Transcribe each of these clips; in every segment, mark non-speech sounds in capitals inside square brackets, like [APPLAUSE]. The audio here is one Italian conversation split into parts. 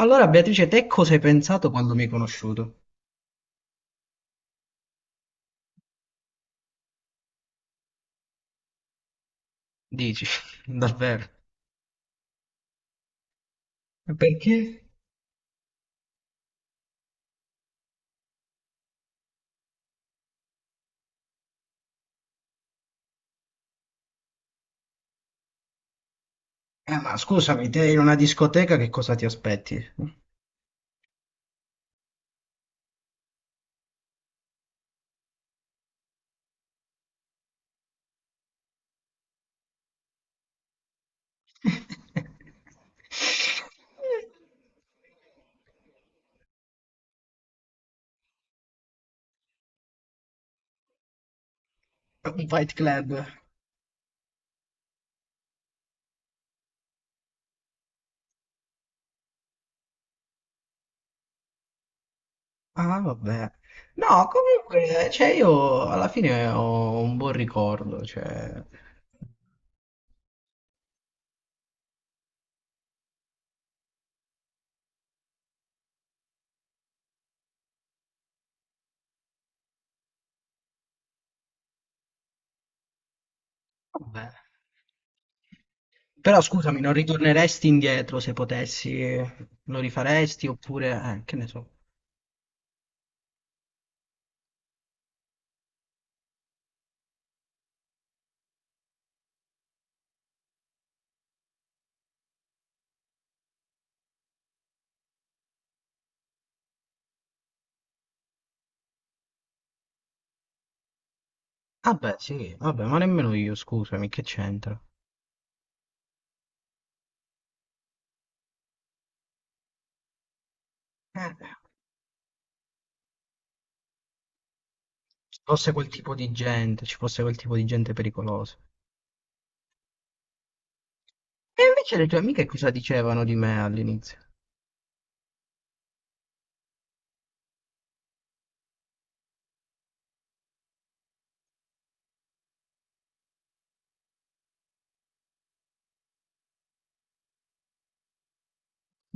Allora, Beatrice, te cosa hai pensato quando mi hai conosciuto? Dici, [LAUGHS] davvero? Perché? Ma scusami, te in una discoteca che cosa ti aspetti? [LAUGHS] Un fight club. Ah, vabbè. No, comunque, cioè io alla fine ho un buon ricordo, cioè... Vabbè. Però scusami, non ritorneresti indietro se potessi? Lo rifaresti oppure... che ne so. Ah beh, sì, vabbè, ma nemmeno io, scusami, che c'entra? Ci fosse quel tipo di gente, ci fosse quel tipo di gente pericolosa. E invece le tue amiche cosa dicevano di me all'inizio?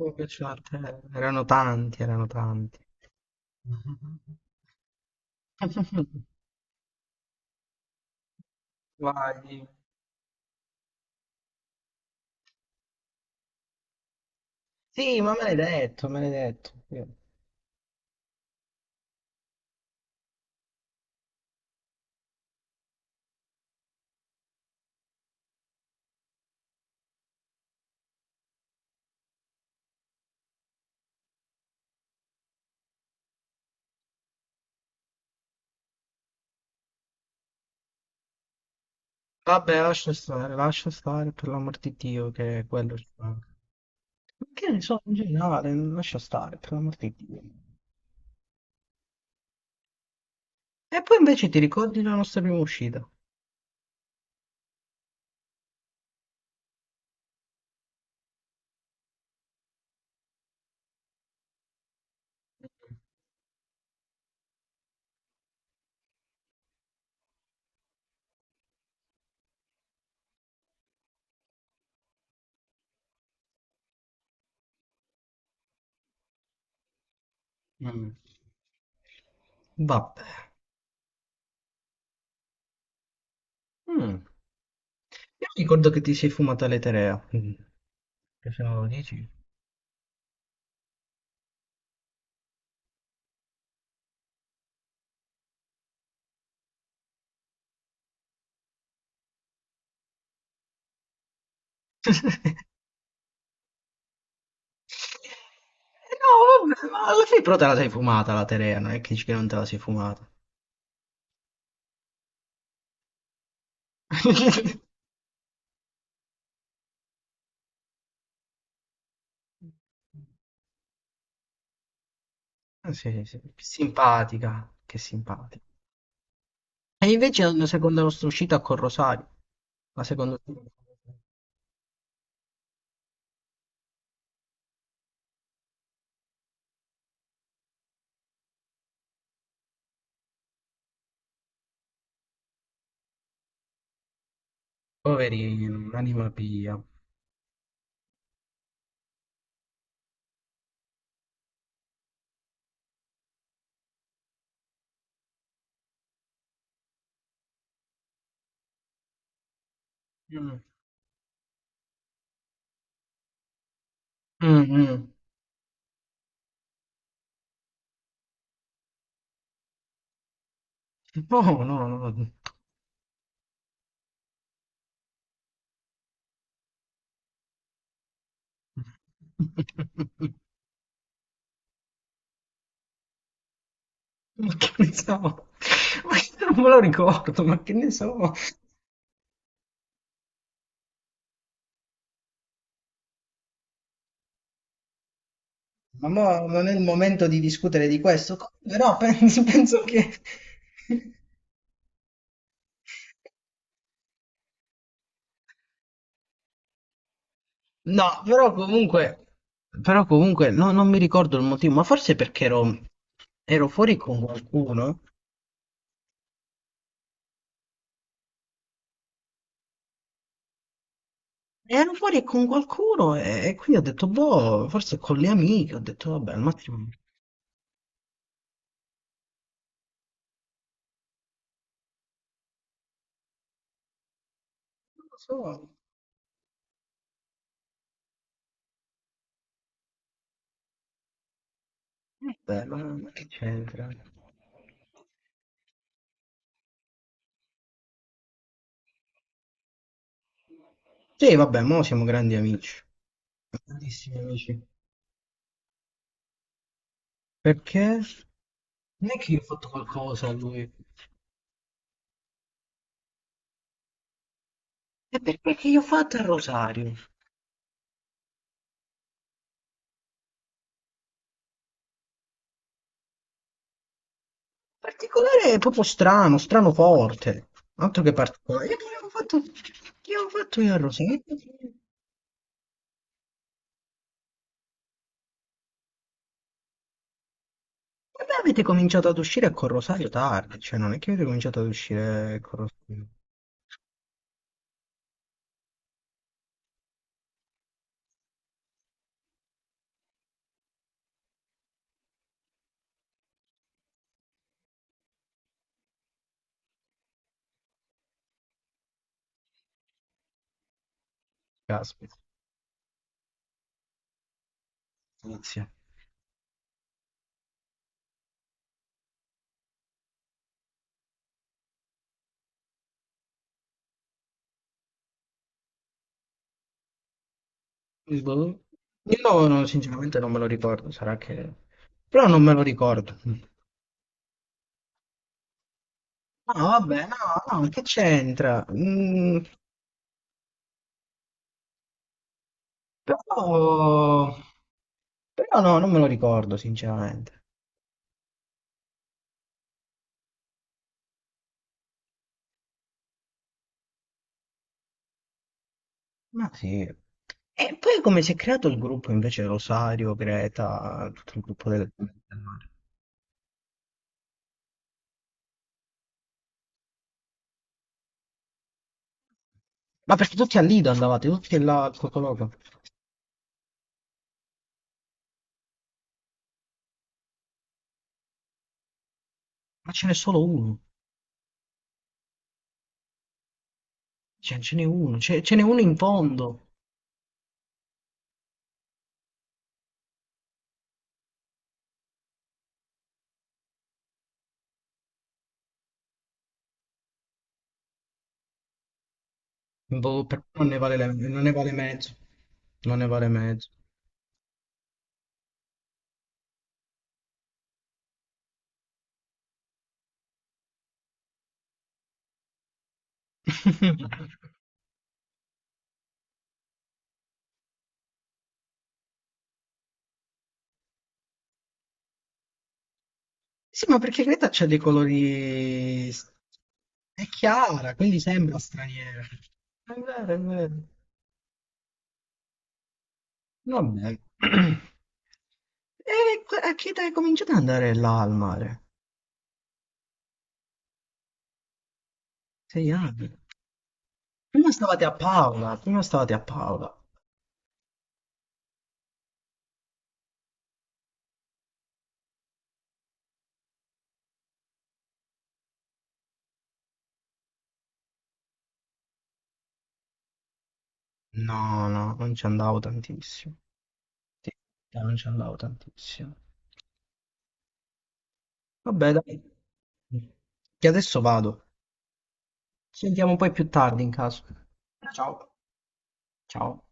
Mi piaceva a te. Erano tanti, erano tanti. [LAUGHS] Vai. Sì, ma me l'hai detto, me l'hai detto. Sì. Vabbè, lascia stare, per l'amor di Dio, che quello ci manca. Ma che ne so, in generale, lascia stare, per l'amor di Dio. E poi invece ti ricordi la nostra prima uscita? Mm. Vabbè. Mm. Io ricordo che ti sei fumata l'eterea. Mm. Che sono 10. [LAUGHS] No, vabbè, ma alla fine però te la sei fumata la Terea, non è che dici che non te la sei fumata. [LAUGHS] Ah, sì, sì, simpatica, che simpatica. E invece la seconda nostra uscita con Rosario. La seconda uscita. Poverino, anima pia. Mm. Mm, mm. No, no, no, no. [LAUGHS] Ma che ne so? [LAUGHS] Ma non me lo ricordo, ma che ne so? Ma mo non è il momento di discutere di questo, co- però [LAUGHS] penso, che... No, però comunque no- non mi ricordo il motivo, ma forse perché ero, ero fuori con qualcuno. Ero fuori con qualcuno e quindi ho detto, boh, forse con le amiche, ho detto, vabbè, al matrimonio. Non lo so, vabbè, ma che c'entra? Sì, vabbè, mo siamo grandi amici, grandissimi amici. Perché? Non è che io ho fatto qualcosa a lui. È perché che io ho fatto a Rosario. Particolare è proprio strano, strano forte. Altro che particolare. Io che avevo fatto io a Rosario? E beh, avete cominciato ad uscire con Rosario tardi, cioè non è che avete cominciato ad uscire con Rosario. Caspita, inizia. Boh. Io no, no, sinceramente non me lo ricordo, sarà che... Però non me lo ricordo. No, vabbè, no, no, che c'entra? Mm, però... Però no, non me lo ricordo, sinceramente. Ma sì. E poi come si è creato il gruppo invece Rosario, Greta, tutto il gruppo del, del mare? Ma perché tutti a Lido andavate, tutti là al Cocoloco. Ma ce n'è solo uno, cioè, ce n'è uno, ce n'è uno in fondo. Boh, per non ne vale, la- non ne vale mezzo, non ne vale mezzo. [LAUGHS] Sì, ma perché Greta c'ha dei colori... È chiara, quindi sembra straniera. È vero, è vero. Vabbè. [CLEARS THROAT] E que- a che età cominciate ad andare là al mare? Sei anni. Prima stavate a Paola, prima stavate a Paola. No, no, non ci andavo tantissimo. Sì, no, non ci andavo tantissimo. Vabbè, dai, che adesso vado. Ci sentiamo poi più tardi in caso. Ciao. Ciao.